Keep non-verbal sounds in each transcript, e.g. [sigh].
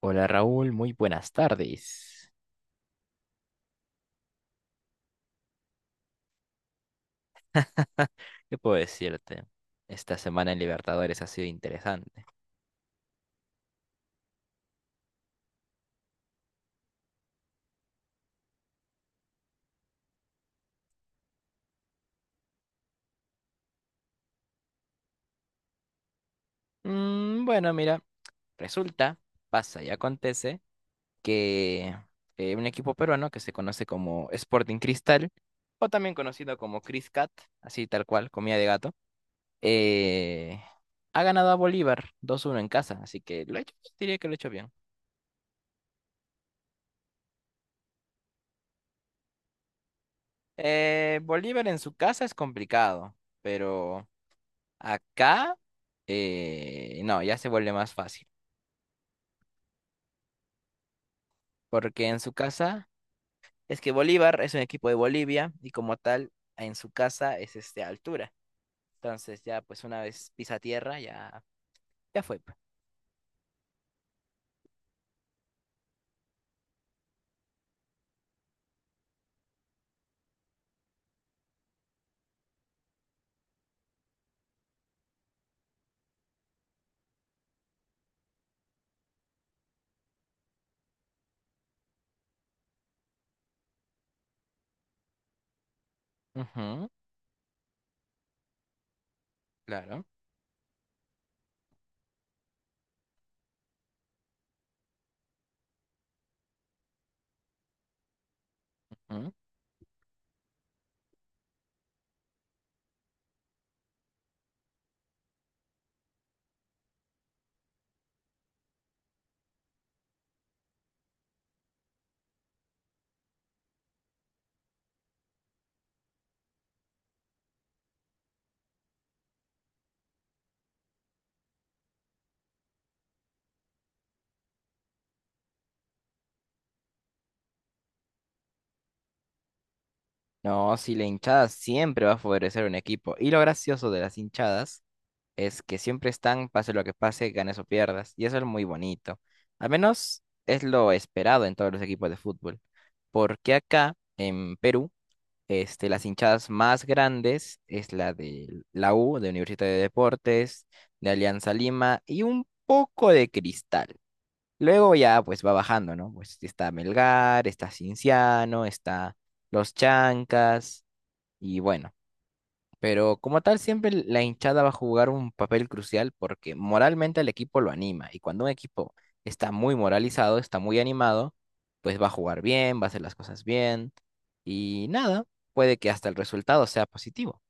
Hola Raúl, muy buenas tardes. [laughs] ¿Qué puedo decirte? Esta semana en Libertadores ha sido interesante. Bueno, mira, resulta, pasa y acontece que un equipo peruano que se conoce como Sporting Cristal, o también conocido como Cris Cat, así tal cual, comida de gato, eh, ha ganado a Bolívar 2-1 en casa, así que lo he hecho, diría que lo he hecho bien. Bolívar en su casa es complicado, pero... Acá, no, ya se vuelve más fácil, porque en su casa, es que Bolívar es un equipo de Bolivia y como tal, en su casa es este altura. Entonces ya, pues una vez pisa tierra, ya, ya fue, pues. Ujú, claro. Ujú. No, si la hinchada siempre va a favorecer un equipo. Y lo gracioso de las hinchadas es que siempre están, pase lo que pase, ganes o pierdas. Y eso es muy bonito. Al menos es lo esperado en todos los equipos de fútbol. Porque acá, en Perú, este, las hinchadas más grandes es la de la U, de Universidad de Deportes, de Alianza Lima y un poco de Cristal. Luego ya pues va bajando, ¿no? Pues está Melgar, está Cinciano, está Los Chancas y bueno. Pero como tal, siempre la hinchada va a jugar un papel crucial porque moralmente el equipo lo anima. Y cuando un equipo está muy moralizado, está muy animado, pues va a jugar bien, va a hacer las cosas bien. Y nada, puede que hasta el resultado sea positivo.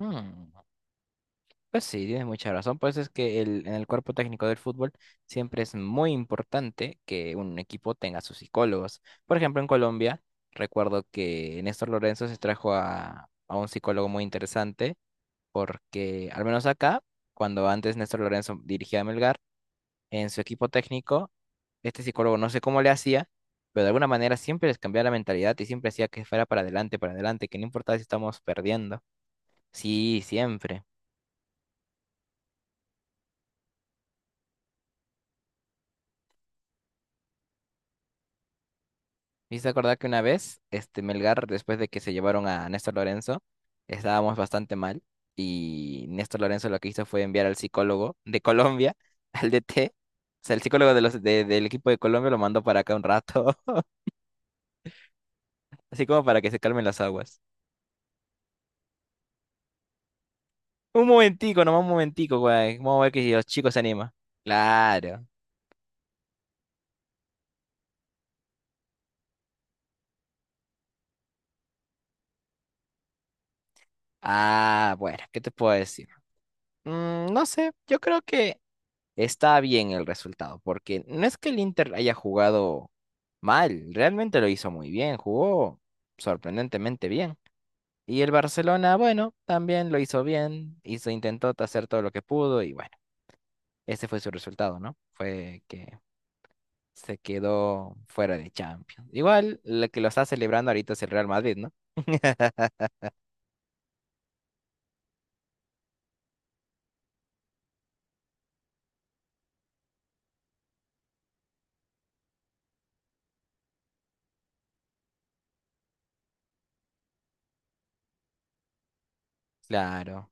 Ujú. Pues sí, tienes mucha razón. Pues es que el, en el cuerpo técnico del fútbol siempre es muy importante que un equipo tenga sus psicólogos. Por ejemplo, en Colombia, recuerdo que Néstor Lorenzo se trajo a un psicólogo muy interesante porque al menos acá, cuando antes Néstor Lorenzo dirigía a Melgar, en su equipo técnico, este psicólogo no sé cómo le hacía, pero de alguna manera siempre les cambiaba la mentalidad y siempre hacía que fuera para adelante, que no importaba si estamos perdiendo. Sí, siempre. Me hice acordar que una vez, este Melgar, después de que se llevaron a Néstor Lorenzo, estábamos bastante mal y Néstor Lorenzo lo que hizo fue enviar al psicólogo de Colombia, [laughs] al DT, o sea, el psicólogo del equipo de Colombia lo mandó para acá un rato. Así como para que se calmen las aguas. Un momentico, nomás un momentico, güey. Vamos a ver que si los chicos se animan. Claro. Ah, bueno, ¿qué te puedo decir? No sé, yo creo que está bien el resultado, porque no es que el Inter haya jugado mal, realmente lo hizo muy bien, jugó sorprendentemente bien. Y el Barcelona, bueno, también lo hizo bien, hizo, intentó hacer todo lo que pudo y bueno, ese fue su resultado, ¿no? Fue que se quedó fuera de Champions. Igual, lo que lo está celebrando ahorita es el Real Madrid, ¿no? [laughs] Claro.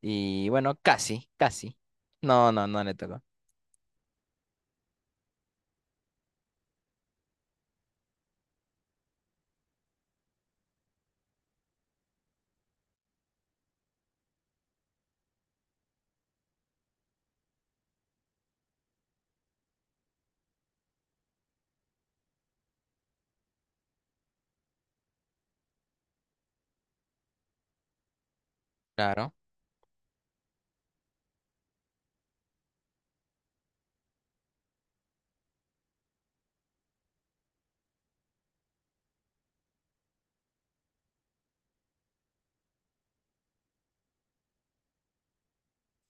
Y bueno, casi, casi. No, no, no le tocó. Claro.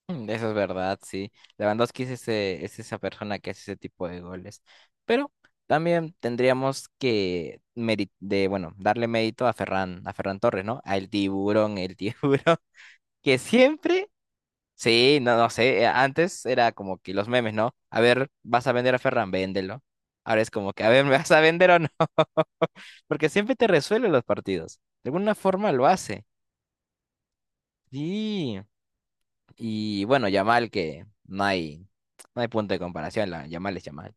Eso es verdad, sí. Lewandowski es ese, es esa persona que hace ese tipo de goles. Pero también tendríamos que bueno, darle mérito a Ferran Torres, ¿no? Al tiburón, el tiburón, [laughs] que siempre... Sí, no, no sé. Antes era como que los memes, ¿no? A ver, ¿vas a vender a Ferran? Véndelo. Ahora es como que, a ver, [laughs] ¿me vas a vender o no? [laughs] Porque siempre te resuelve los partidos. De alguna forma lo hace. Sí. Y bueno, Yamal, que no hay, no hay punto de comparación. La, Yamal es Yamal.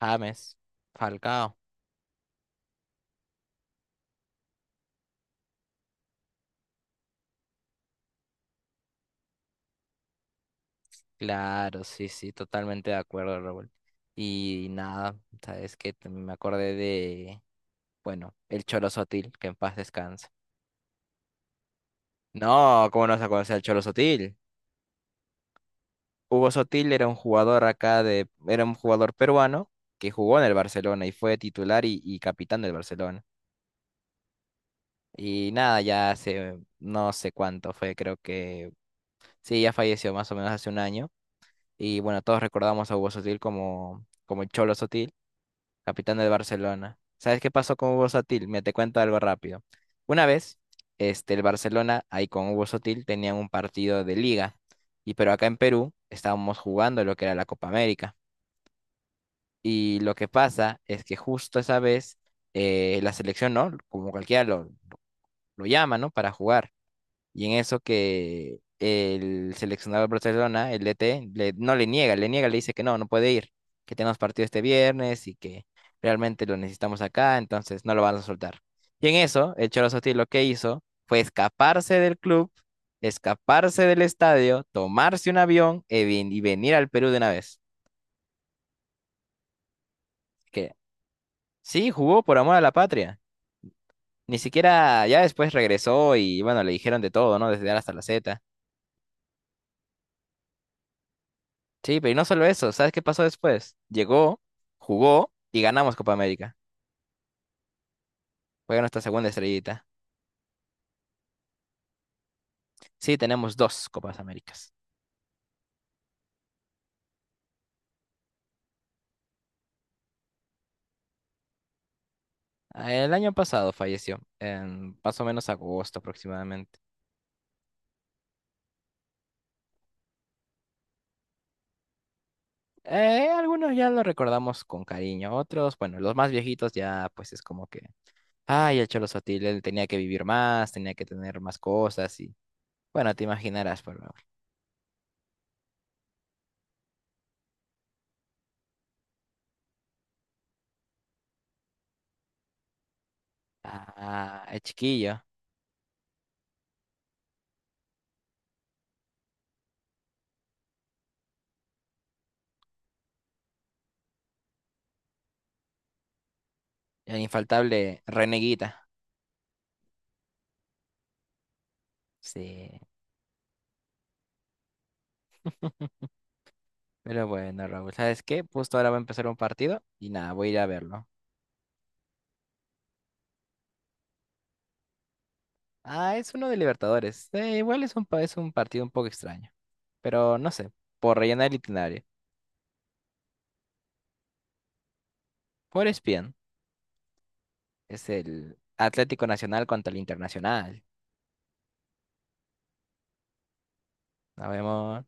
James, Falcao. Claro, sí, sí, totalmente de acuerdo, Raúl. Y nada, sabes que me acordé de, bueno, el Cholo Sotil, que en paz descanse. No, ¿cómo no vas a conocer al Cholo Sotil? Hugo Sotil era un jugador acá de, era un jugador peruano que jugó en el Barcelona y fue titular y capitán del Barcelona. Y nada, ya hace no sé cuánto fue, creo que sí, ya falleció más o menos hace 1 año. Y bueno, todos recordamos a Hugo Sotil como, como el Cholo Sotil, capitán del Barcelona. ¿Sabes qué pasó con Hugo Sotil? Me te cuento algo rápido. Una vez, este, el Barcelona ahí con Hugo Sotil tenían un partido de liga, y pero acá en Perú estábamos jugando lo que era la Copa América. Y lo que pasa es que justo esa vez la selección, ¿no? Como cualquiera lo llama, ¿no? Para jugar. Y en eso que el seleccionador de Barcelona, el DT, no le niega, le niega, le dice que no, no puede ir, que tenemos partido este viernes y que realmente lo necesitamos acá, entonces no lo van a soltar. Y en eso, el Cholo Sotil lo que hizo fue escaparse del club, escaparse del estadio, tomarse un avión y, y venir al Perú de una vez. Que sí, jugó por amor a la patria. Ni siquiera, ya después regresó y bueno, le dijeron de todo, ¿no? Desde A hasta la Z. Sí, pero y no solo eso, ¿sabes qué pasó después? Llegó, jugó y ganamos Copa América. Fue nuestra segunda estrellita. Sí, tenemos 2 Copas Américas. Ah, el año pasado falleció, en más o menos agosto aproximadamente. Algunos ya lo recordamos con cariño, otros, bueno, los más viejitos ya pues es como que, ay, el Cholo Sotil, él tenía que vivir más, tenía que tener más cosas y bueno, te imaginarás, pero... Ah, el chiquillo. El infaltable Reneguita. Sí. Pero bueno, Raúl, ¿sabes qué? Justo ahora va a empezar un partido y nada, voy a ir a verlo. Ah, es uno de Libertadores. Igual es un, es un partido un poco extraño. Pero no sé, por rellenar el itinerario. Por ESPN es el Atlético Nacional contra el Internacional. Nos vemos.